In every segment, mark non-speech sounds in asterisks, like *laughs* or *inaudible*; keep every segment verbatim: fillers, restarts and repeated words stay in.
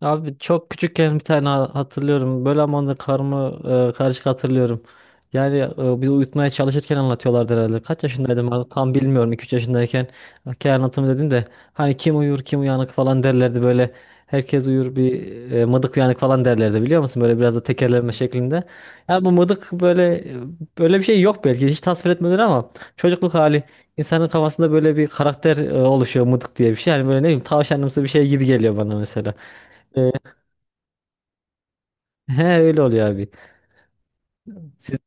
Abi çok küçükken bir tane ha- hatırlıyorum. Böyle ama onu da karma e, karışık hatırlıyorum. Yani e, bizi uyutmaya çalışırken anlatıyorlardı herhalde. Kaç yaşındaydım abi? Tam bilmiyorum. iki üç yaşındayken hikaye anlatımı dedin de hani kim uyur kim uyanık falan derlerdi böyle. Herkes uyur bir e, mıdık uyanık falan derlerdi biliyor musun? Böyle biraz da tekerleme şeklinde. Yani bu mıdık böyle e, böyle bir şey yok, belki hiç tasvir etmediler ama çocukluk hali insanın kafasında böyle bir karakter e, oluşuyor, mıdık diye bir şey. Yani böyle ne bileyim, tavşanımsı bir şey gibi geliyor bana mesela. E, He, öyle oluyor abi. Siz,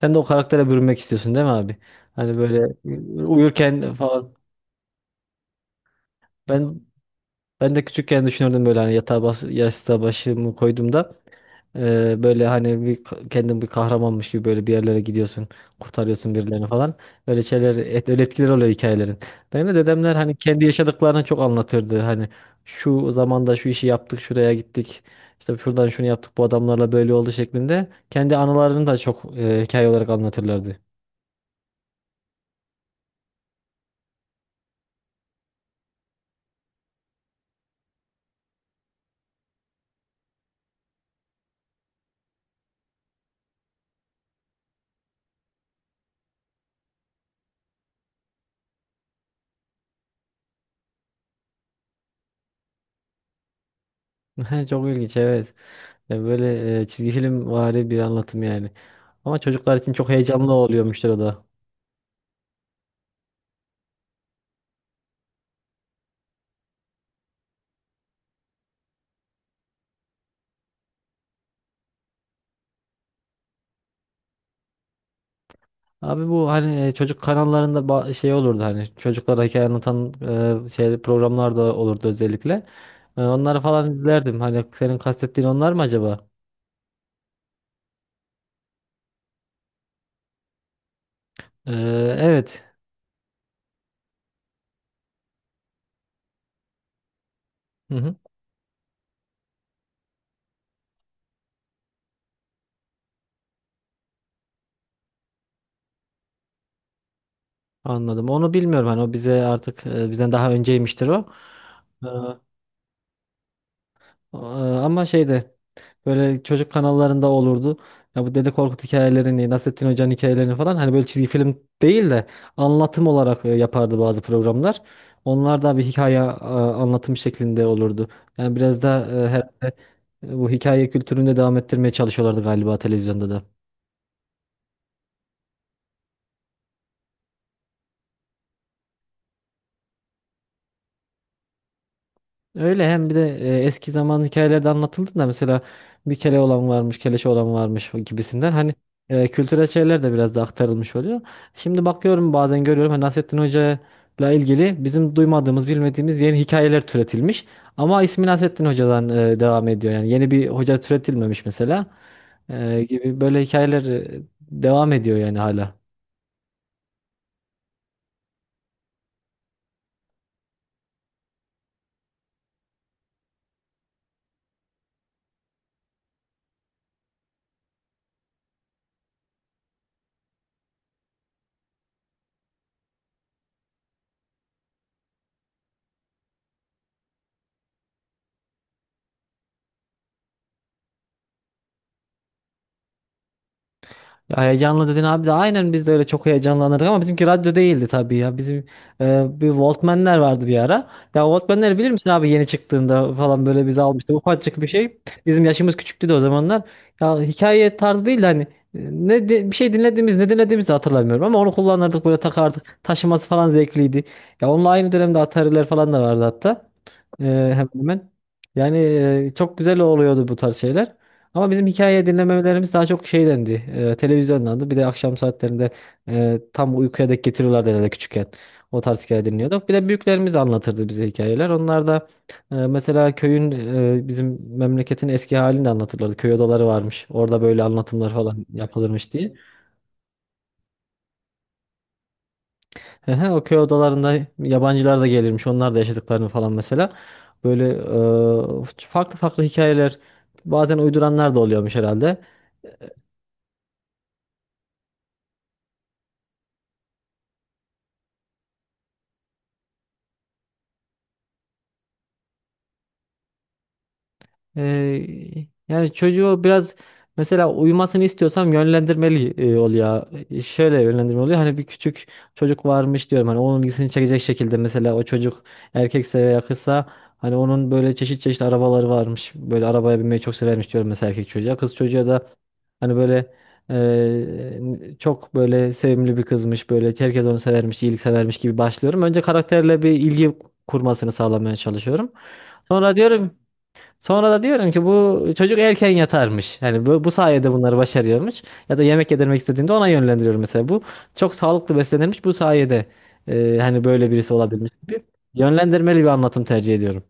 Sen de o karaktere bürünmek istiyorsun değil mi abi? Hani böyle uyurken falan. Ben Ben de küçükken düşünürdüm böyle, hani yatağa bas, yastığa başımı koyduğumda e, böyle hani bir k- kendin bir kahramanmış gibi böyle bir yerlere gidiyorsun, kurtarıyorsun birilerini falan. Böyle şeyler et, öyle etkileri oluyor hikayelerin. Benim de dedemler hani kendi yaşadıklarını çok anlatırdı. Hani şu zamanda şu işi yaptık, şuraya gittik. İşte şuradan şunu yaptık, bu adamlarla böyle oldu şeklinde. Kendi anılarını da çok e, hikaye olarak anlatırlardı. *laughs* Çok ilginç, evet. Ya böyle e, çizgi film vari bir anlatım yani. Ama çocuklar için çok heyecanlı oluyormuştur o da. Abi bu hani e, çocuk kanallarında ba- şey olurdu, hani çocuklara hikaye anlatan e, şey programlar da olurdu özellikle. E, Onları falan izlerdim. Hani senin kastettiğin onlar mı acaba? E, evet. Hı hı. Anladım. Onu bilmiyorum, hani o bize artık e, bizden daha önceymiştir o. Aa, ama şeyde böyle çocuk kanallarında olurdu. Ya bu Dede Korkut hikayelerini, Nasrettin Hoca'nın hikayelerini falan hani böyle çizgi film değil de anlatım olarak e, yapardı bazı programlar. Onlar da bir hikaye e, anlatım şeklinde olurdu. Yani biraz da e, herhalde e, bu hikaye kültürünü de devam ettirmeye çalışıyorlardı galiba televizyonda da. Öyle, hem bir de e, eski zaman hikayelerde anlatıldı da mesela bir kele olan varmış, keleşe olan varmış gibisinden hani e, kültürel şeyler de biraz da aktarılmış oluyor. Şimdi bakıyorum bazen görüyorum, hani Nasrettin Hoca'yla ilgili bizim duymadığımız, bilmediğimiz yeni hikayeler türetilmiş. Ama ismi Nasrettin Hoca'dan e, devam ediyor. Yani yeni bir hoca türetilmemiş mesela. E, gibi böyle hikayeler e, devam ediyor yani hala. Ya heyecanlı dedin abi de aynen, biz de öyle çok heyecanlanırdık ama bizimki radyo değildi tabii ya. Bizim e, bir Walkman'ler vardı bir ara. Ya Walkman'leri bilir misin abi, yeni çıktığında falan böyle bizi almıştı. Ufacık bir şey. Bizim yaşımız küçüktü de o zamanlar. Ya hikaye tarzı değil de hani e, ne de- bir şey dinlediğimiz, ne dinlediğimizi hatırlamıyorum ama onu kullanırdık, böyle takardık. Taşıması falan zevkliydi. Ya onunla aynı dönemde Atari'ler falan da vardı hatta. Ee, Hemen hemen. Yani e, çok güzel oluyordu bu tarz şeyler. Ama bizim hikaye dinlemelerimiz daha çok şeydendi. E, televizyondandı. Bir de akşam saatlerinde e, tam uykuya dek getiriyorlardı herhalde küçükken. O tarz hikaye dinliyorduk. Bir de büyüklerimiz anlatırdı bize hikayeler. Onlar da e, mesela köyün e, bizim memleketin eski halini de anlatırlardı. Köy odaları varmış. Orada böyle anlatımlar falan yapılırmış diye. Ehe, o köy odalarında yabancılar da gelirmiş. Onlar da yaşadıklarını falan mesela. Böyle e, farklı farklı hikayeler, bazen uyduranlar da oluyormuş herhalde. Ee, Yani çocuğu biraz, mesela uyumasını istiyorsam yönlendirmeli e, oluyor. E, şöyle yönlendirme oluyor. Hani bir küçük çocuk varmış diyorum. Hani onun ilgisini çekecek şekilde, mesela o çocuk erkekse veya kızsa, hani onun böyle çeşit çeşit arabaları varmış. Böyle arabaya binmeyi çok severmiş diyorum mesela erkek çocuğa. Kız çocuğa da hani böyle e, çok böyle sevimli bir kızmış. Böyle herkes onu severmiş, iyilik severmiş gibi başlıyorum. Önce karakterle bir ilgi kurmasını sağlamaya çalışıyorum. Sonra diyorum Sonra da diyorum ki bu çocuk erken yatarmış. Yani bu, bu sayede bunları başarıyormuş. Ya da yemek yedirmek istediğimde ona yönlendiriyorum mesela. Bu çok sağlıklı beslenirmiş. Bu sayede e, hani böyle birisi olabilmiş gibi, yönlendirmeli bir anlatım tercih ediyorum.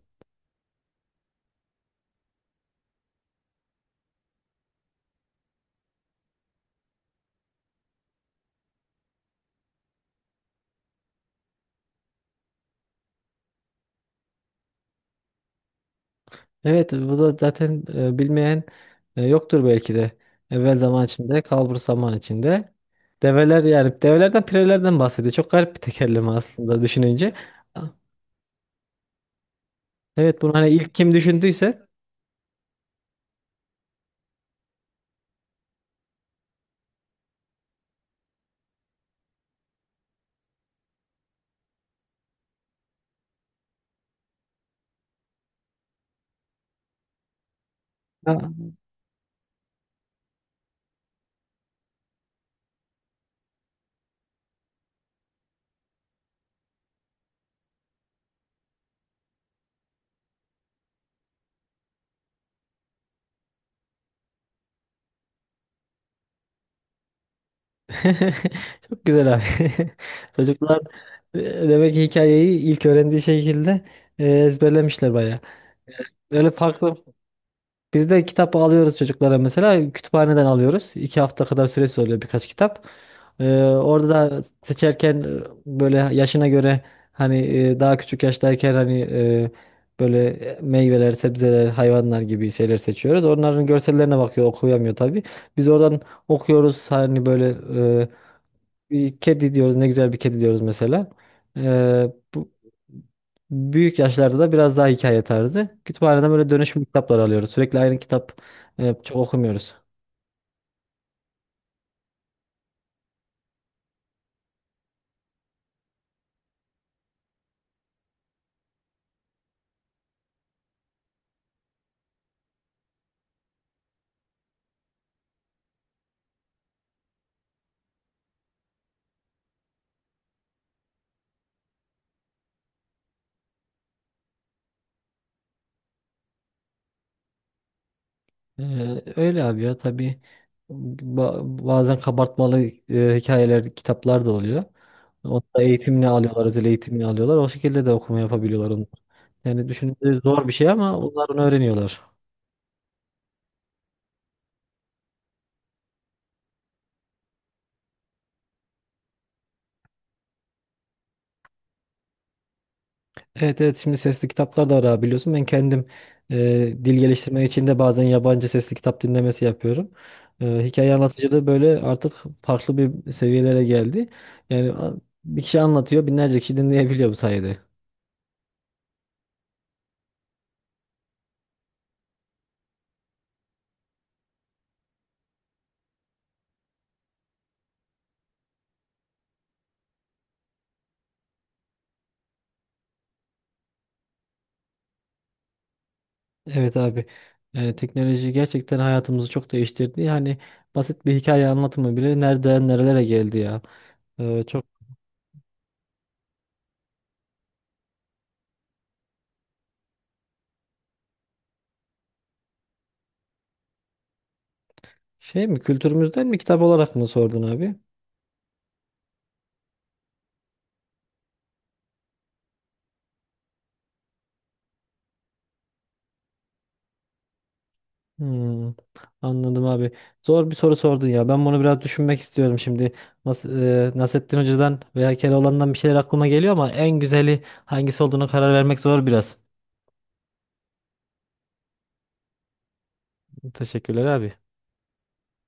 Evet, bu da zaten e, bilmeyen e, yoktur belki de. Evvel zaman içinde, kalbur zaman içinde. Develer, yani develerden pirelerden bahsediyor. Çok garip bir tekerleme aslında düşününce. Evet, bunu hani ilk kim düşündüyse. *laughs* Çok güzel abi. *laughs* Çocuklar e, demek ki hikayeyi ilk öğrendiği şekilde e, ezberlemişler bayağı. Öyle farklı. Biz de kitap alıyoruz çocuklara mesela. Kütüphaneden alıyoruz. İki hafta kadar süresi oluyor birkaç kitap. E, orada da seçerken e, böyle yaşına göre, hani e, daha küçük yaştayken hani e, böyle meyveler, sebzeler, hayvanlar gibi şeyler seçiyoruz. Onların görsellerine bakıyor, okuyamıyor tabii. Biz oradan okuyoruz, hani böyle e, bir kedi diyoruz, ne güzel bir kedi diyoruz mesela. Ee, Bu büyük yaşlarda da biraz daha hikaye tarzı. Kütüphaneden böyle dönüşüm kitaplar alıyoruz. Sürekli aynı kitap e, çok okumuyoruz. Ee, öyle abi ya tabii. Ba- bazen kabartmalı e, hikayeler, kitaplar da oluyor. Onu da eğitimini alıyorlar, özel eğitimini alıyorlar. O şekilde de okuma yapabiliyorlar onlar. Yani düşününce zor bir şey, ama onlar onu öğreniyorlar. Evet evet, şimdi sesli kitaplar da var abi biliyorsun. Ben kendim e, dil geliştirmek için de bazen yabancı sesli kitap dinlemesi yapıyorum. E, hikaye anlatıcılığı böyle artık farklı bir seviyelere geldi. Yani a- bir kişi anlatıyor, binlerce kişi dinleyebiliyor bu sayede. Evet abi. Yani teknoloji gerçekten hayatımızı çok değiştirdi. Yani basit bir hikaye anlatımı bile nereden nerelere geldi ya. E, çok şey mi, kültürümüzden mi, kitap olarak mı sordun abi? Hmm, anladım abi. Zor bir soru sordun ya. Ben bunu biraz düşünmek istiyorum şimdi. Nas e, Nasrettin Hoca'dan veya Keloğlan'dan bir şeyler aklıma geliyor, ama en güzeli hangisi olduğunu karar vermek zor biraz. Teşekkürler abi.